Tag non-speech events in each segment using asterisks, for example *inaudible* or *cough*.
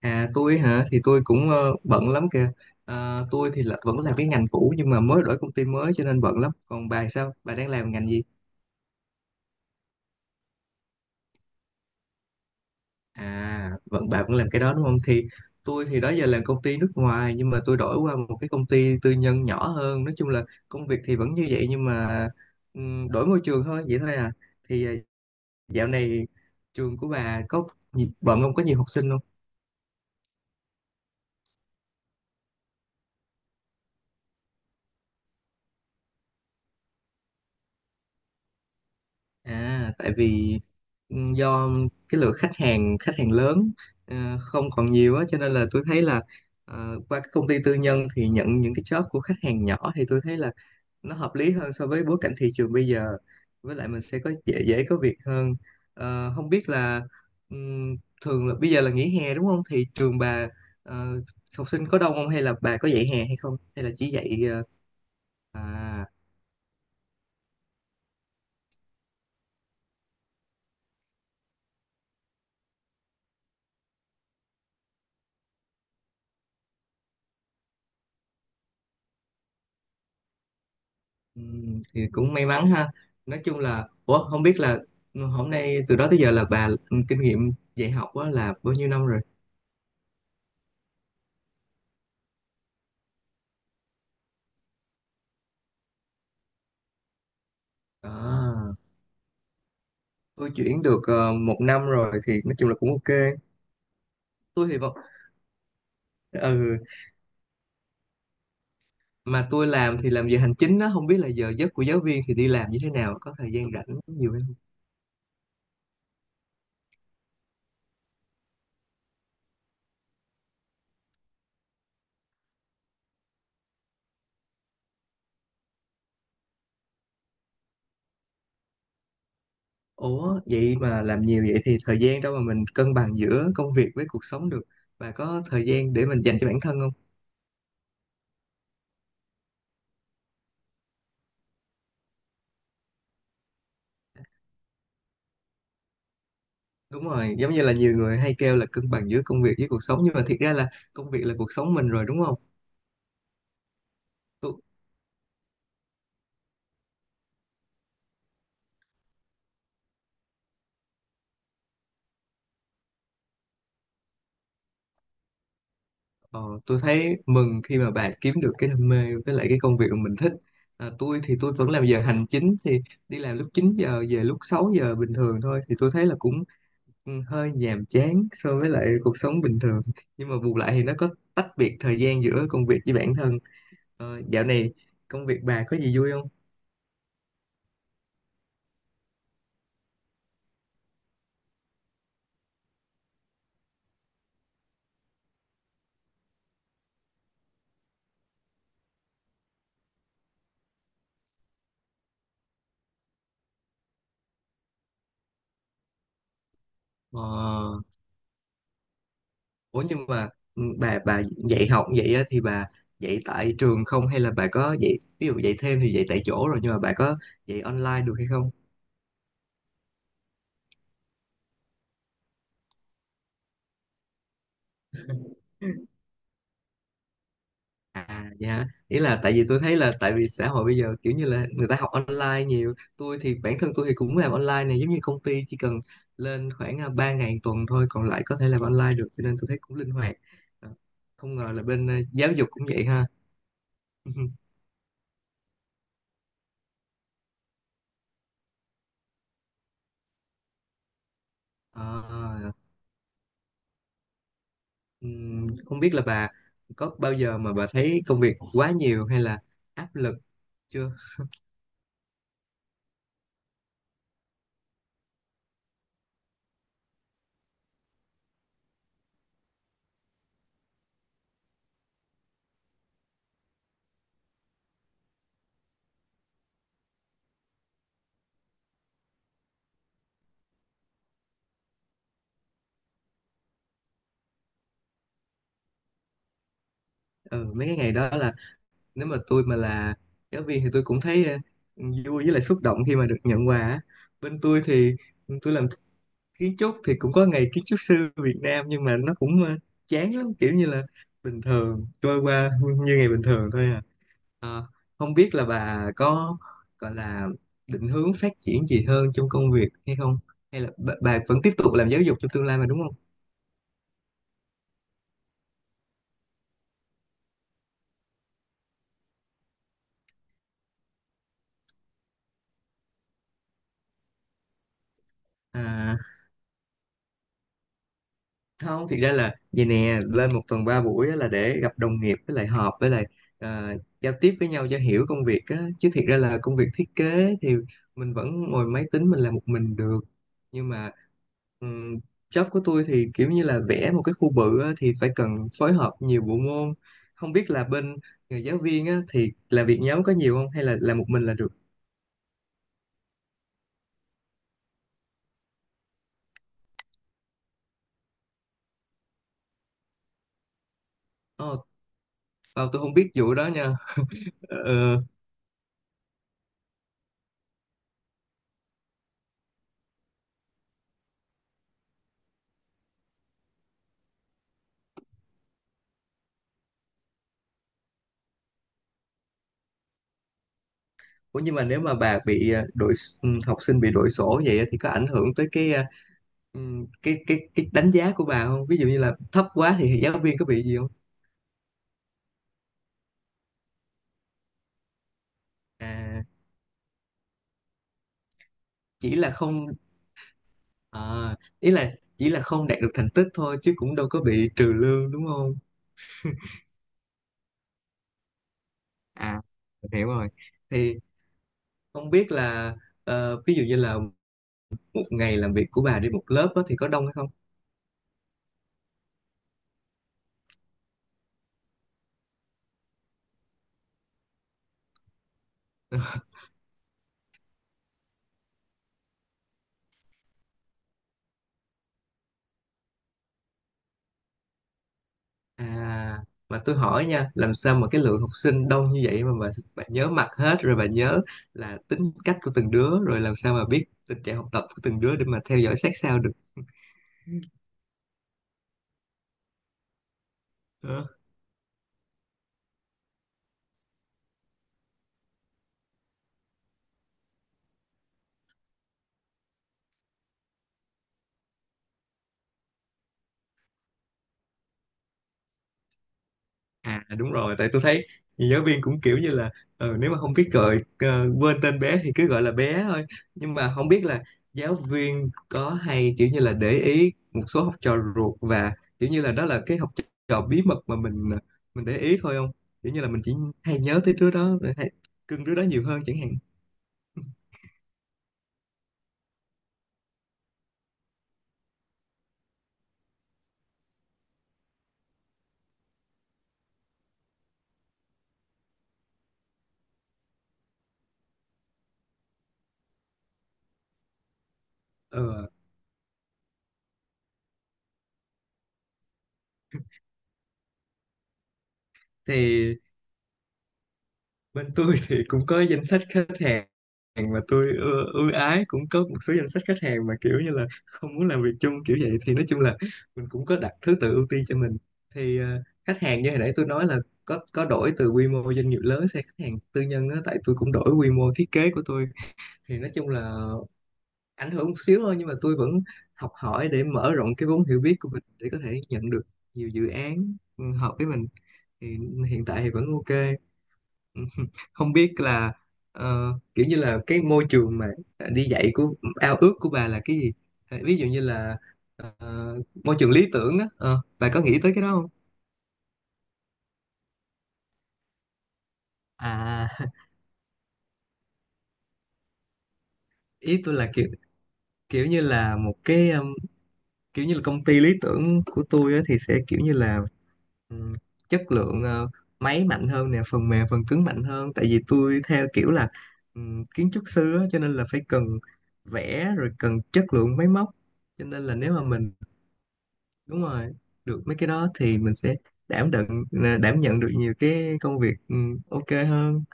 À tôi hả? Thì tôi cũng bận lắm kìa. Tôi thì là vẫn làm cái ngành cũ, nhưng mà mới đổi công ty mới cho nên bận lắm. Còn bà thì sao, bà đang làm ngành gì? À, vẫn, bà vẫn làm cái đó đúng không? Thì tôi thì đó giờ làm công ty nước ngoài, nhưng mà tôi đổi qua một cái công ty tư nhân nhỏ hơn. Nói chung là công việc thì vẫn như vậy, nhưng mà đổi môi trường thôi, vậy thôi à. Thì dạo này trường của bà có bận không, có nhiều học sinh không? À, tại vì do cái lượng khách hàng lớn không còn nhiều á, cho nên là tôi thấy là qua các công ty tư nhân thì nhận những cái job của khách hàng nhỏ, thì tôi thấy là nó hợp lý hơn so với bối cảnh thị trường bây giờ. Với lại mình sẽ có dễ dễ có việc hơn. Ờ, không biết là ừm, thường là bây giờ là nghỉ hè đúng không? Thì trường bà ờ, học sinh có đông không, hay là bà có dạy hè hay không? Hay là chỉ dạy à. Ừ, thì cũng may mắn ha. Nói chung là, ủa không biết là hôm nay từ đó tới giờ là bà, kinh nghiệm dạy học á là bao nhiêu năm rồi? À, tôi chuyển được 1 năm rồi, thì nói chung là cũng ok. Tôi thì vẫn, ừ, mà tôi làm thì làm giờ hành chính á, không biết là giờ giấc của giáo viên thì đi làm như thế nào, có thời gian rảnh nhiều hay không? Ủa vậy mà làm nhiều vậy thì thời gian đâu mà mình cân bằng giữa công việc với cuộc sống được? Bà có thời gian để mình dành cho bản thân không? Đúng rồi, giống như là nhiều người hay kêu là cân bằng giữa công việc với cuộc sống, nhưng mà thiệt ra là công việc là cuộc sống mình rồi đúng không? Tôi, ờ, tôi thấy mừng khi mà bạn kiếm được cái đam mê với lại cái công việc mà mình thích. À, tôi thì tôi vẫn làm giờ hành chính, thì đi làm lúc 9 giờ, về lúc 6 giờ bình thường thôi, thì tôi thấy là cũng hơi nhàm chán so với lại cuộc sống bình thường. Nhưng mà bù lại thì nó có tách biệt thời gian giữa công việc với bản thân. Ờ, dạo này công việc bà có gì vui không? Ờ. Ủa nhưng mà bà dạy học vậy á, thì bà dạy tại trường không hay là bà có dạy, ví dụ dạy thêm thì dạy tại chỗ rồi, nhưng mà bà có dạy online được hay không? À dạ, ý là tại vì tôi thấy là tại vì xã hội bây giờ kiểu như là người ta học online nhiều, tôi thì bản thân tôi thì cũng làm online này, giống như công ty chỉ cần lên khoảng 3 ngày 1 tuần thôi, còn lại có thể làm online được, cho nên tôi thấy cũng linh hoạt. Ờ, không ngờ là bên giáo dục cũng vậy ha. *laughs* Ờ. Không biết là bà có bao giờ mà bà thấy công việc quá nhiều hay là áp lực chưa? Ừ, mấy cái ngày đó là nếu mà tôi mà là giáo viên thì tôi cũng thấy vui với lại xúc động khi mà được nhận quà á. Bên tôi thì tôi làm kiến trúc, thì cũng có ngày kiến trúc sư Việt Nam, nhưng mà nó cũng chán lắm, kiểu như là bình thường, trôi qua như ngày bình thường thôi à. Ờ, không biết là bà có gọi là định hướng phát triển gì hơn trong công việc hay không? Hay là bà vẫn tiếp tục làm giáo dục trong tương lai mà đúng không? À, không, thực ra là vậy nè, lên 1 tuần 3 buổi á là để gặp đồng nghiệp với lại họp, với lại giao tiếp với nhau cho hiểu công việc á, chứ thiệt ra là công việc thiết kế thì mình vẫn ngồi máy tính mình làm một mình được. Nhưng mà ừm, job của tôi thì kiểu như là vẽ một cái khu bự á, thì phải cần phối hợp nhiều bộ môn. Không biết là bên người giáo viên á, thì làm việc nhóm có nhiều không hay là làm một mình là được? Ồ, tôi không biết vụ đó nha. Ờ, ờ. Ủa nhưng mà nếu mà bà bị học sinh bị đội sổ vậy á, thì có ảnh hưởng tới cái ừ, cái đánh giá của bà không? Ví dụ như là thấp quá thì giáo viên có bị gì không? À, chỉ là không, à, ý là chỉ là không đạt được thành tích thôi chứ cũng đâu có bị trừ lương đúng không? À, mình hiểu rồi. Thì không biết là ví dụ như là một ngày làm việc của bà đi một lớp á, thì có đông hay không? À, mà tôi hỏi nha, làm sao mà cái lượng học sinh đông như vậy mà bà nhớ mặt hết rồi, bà nhớ là tính cách của từng đứa, rồi làm sao mà biết tình trạng học tập của từng đứa để mà theo dõi sát sao được. À đúng rồi, tại tôi thấy nhiều giáo viên cũng kiểu như là nếu mà không biết gọi, quên tên bé thì cứ gọi là bé thôi. Nhưng mà không biết là giáo viên có hay kiểu như là để ý một số học trò ruột, và kiểu như là đó là cái học trò bí mật mà mình mình để ý thôi không? Kiểu như là mình chỉ hay nhớ tới đứa đó, hay cưng đứa đó nhiều hơn chẳng hạn. Ờ thì bên tôi thì cũng có danh sách khách hàng mà tôi ưa, ưa ái. Cũng có một số danh sách khách hàng mà kiểu như là không muốn làm việc chung kiểu vậy, thì nói chung là mình cũng có đặt thứ tự ưu tiên cho mình. Thì khách hàng như hồi nãy tôi nói là có đổi từ quy mô doanh nghiệp lớn sang khách hàng tư nhân á, tại tôi cũng đổi quy mô thiết kế của tôi, thì nói chung là ảnh hưởng một xíu thôi, nhưng mà tôi vẫn học hỏi để mở rộng cái vốn hiểu biết của mình để có thể nhận được nhiều dự án hợp với mình. Thì hiện tại thì vẫn ok. *laughs* Không biết là kiểu như là cái môi trường mà đi dạy của, ao ước của bà là cái gì? À, ví dụ như là ờ, môi trường lý tưởng á, bà có nghĩ tới cái đó không? À. *laughs* Ý tôi là kiểu, kiểu như là một cái kiểu như là công ty lý tưởng của tôi á, thì sẽ kiểu như là um, chất lượng, máy mạnh hơn nè, phần mềm phần cứng mạnh hơn, tại vì tôi theo kiểu là kiến trúc sư á, cho nên là phải cần vẽ, rồi cần chất lượng máy móc, cho nên là nếu mà mình, đúng rồi, được mấy cái đó thì mình sẽ đảm đựng, đảm nhận được nhiều cái công việc, ok hơn.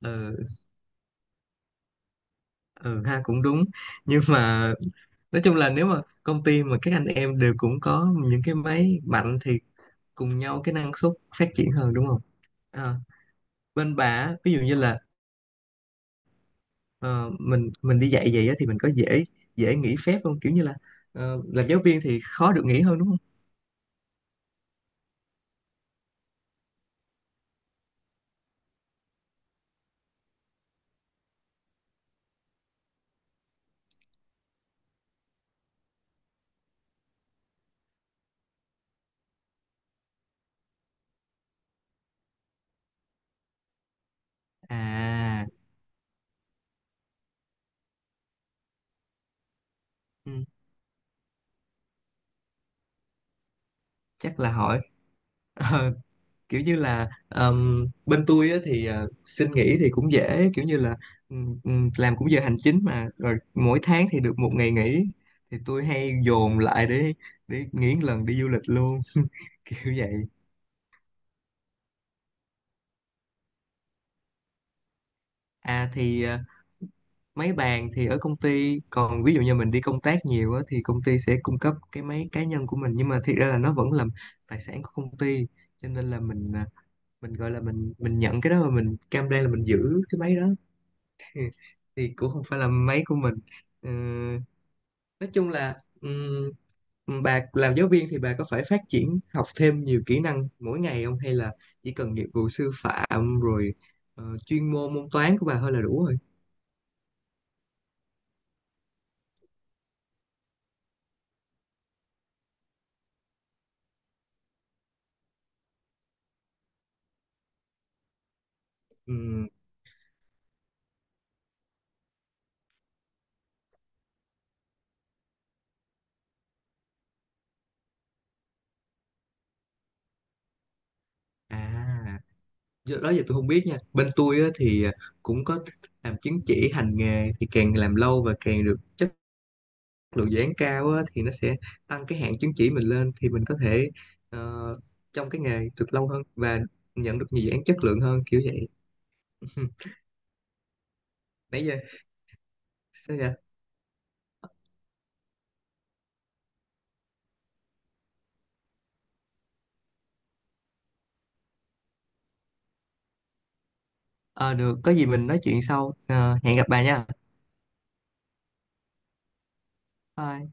ừ, ừ ha, cũng đúng. *laughs* Nhưng mà nói chung là nếu mà công ty mà các anh em đều cũng có những cái máy mạnh thì cùng nhau cái năng suất phát triển hơn đúng không? À, bên bà á, ví dụ như là ờ, mình đi dạy vậy á, thì mình có dễ dễ nghỉ phép không, kiểu như là làm giáo viên thì khó được nghỉ hơn đúng không? À, ừ, chắc là hỏi. *laughs* Kiểu như là bên tôi á, thì xin nghỉ thì cũng dễ, kiểu như là làm cũng giờ hành chính mà, rồi mỗi tháng thì được 1 ngày nghỉ, thì tôi hay dồn lại để nghỉ một lần đi du lịch luôn. *laughs* Kiểu vậy. À thì máy bàn thì ở công ty, còn ví dụ như mình đi công tác nhiều á, thì công ty sẽ cung cấp cái máy cá nhân của mình, nhưng mà thiệt ra là nó vẫn là tài sản của công ty, cho nên là mình, mình gọi là mình, nhận cái đó và mình cam đoan là mình giữ cái máy đó, thì cũng không phải là máy của mình. Ờ, nói chung là, bà làm giáo viên thì bà có phải phát triển học thêm nhiều kỹ năng mỗi ngày không, hay là chỉ cần nghiệp vụ sư phạm rồi chuyên môn môn toán của bà thôi là đủ rồi? Ừm, à do đó giờ tôi không biết nha, bên tôi á, thì cũng có làm chứng chỉ hành nghề, thì càng làm lâu và càng được lượng dự án cao á, thì nó sẽ tăng cái hạn chứng chỉ mình lên, thì mình có thể ờ, trong cái nghề được lâu hơn và nhận được nhiều dự án chất lượng hơn kiểu vậy. *laughs* Nãy giờ, sao vậy? Ờ, được, có gì mình nói chuyện sau. Ờ, hẹn gặp bà nha. Bye.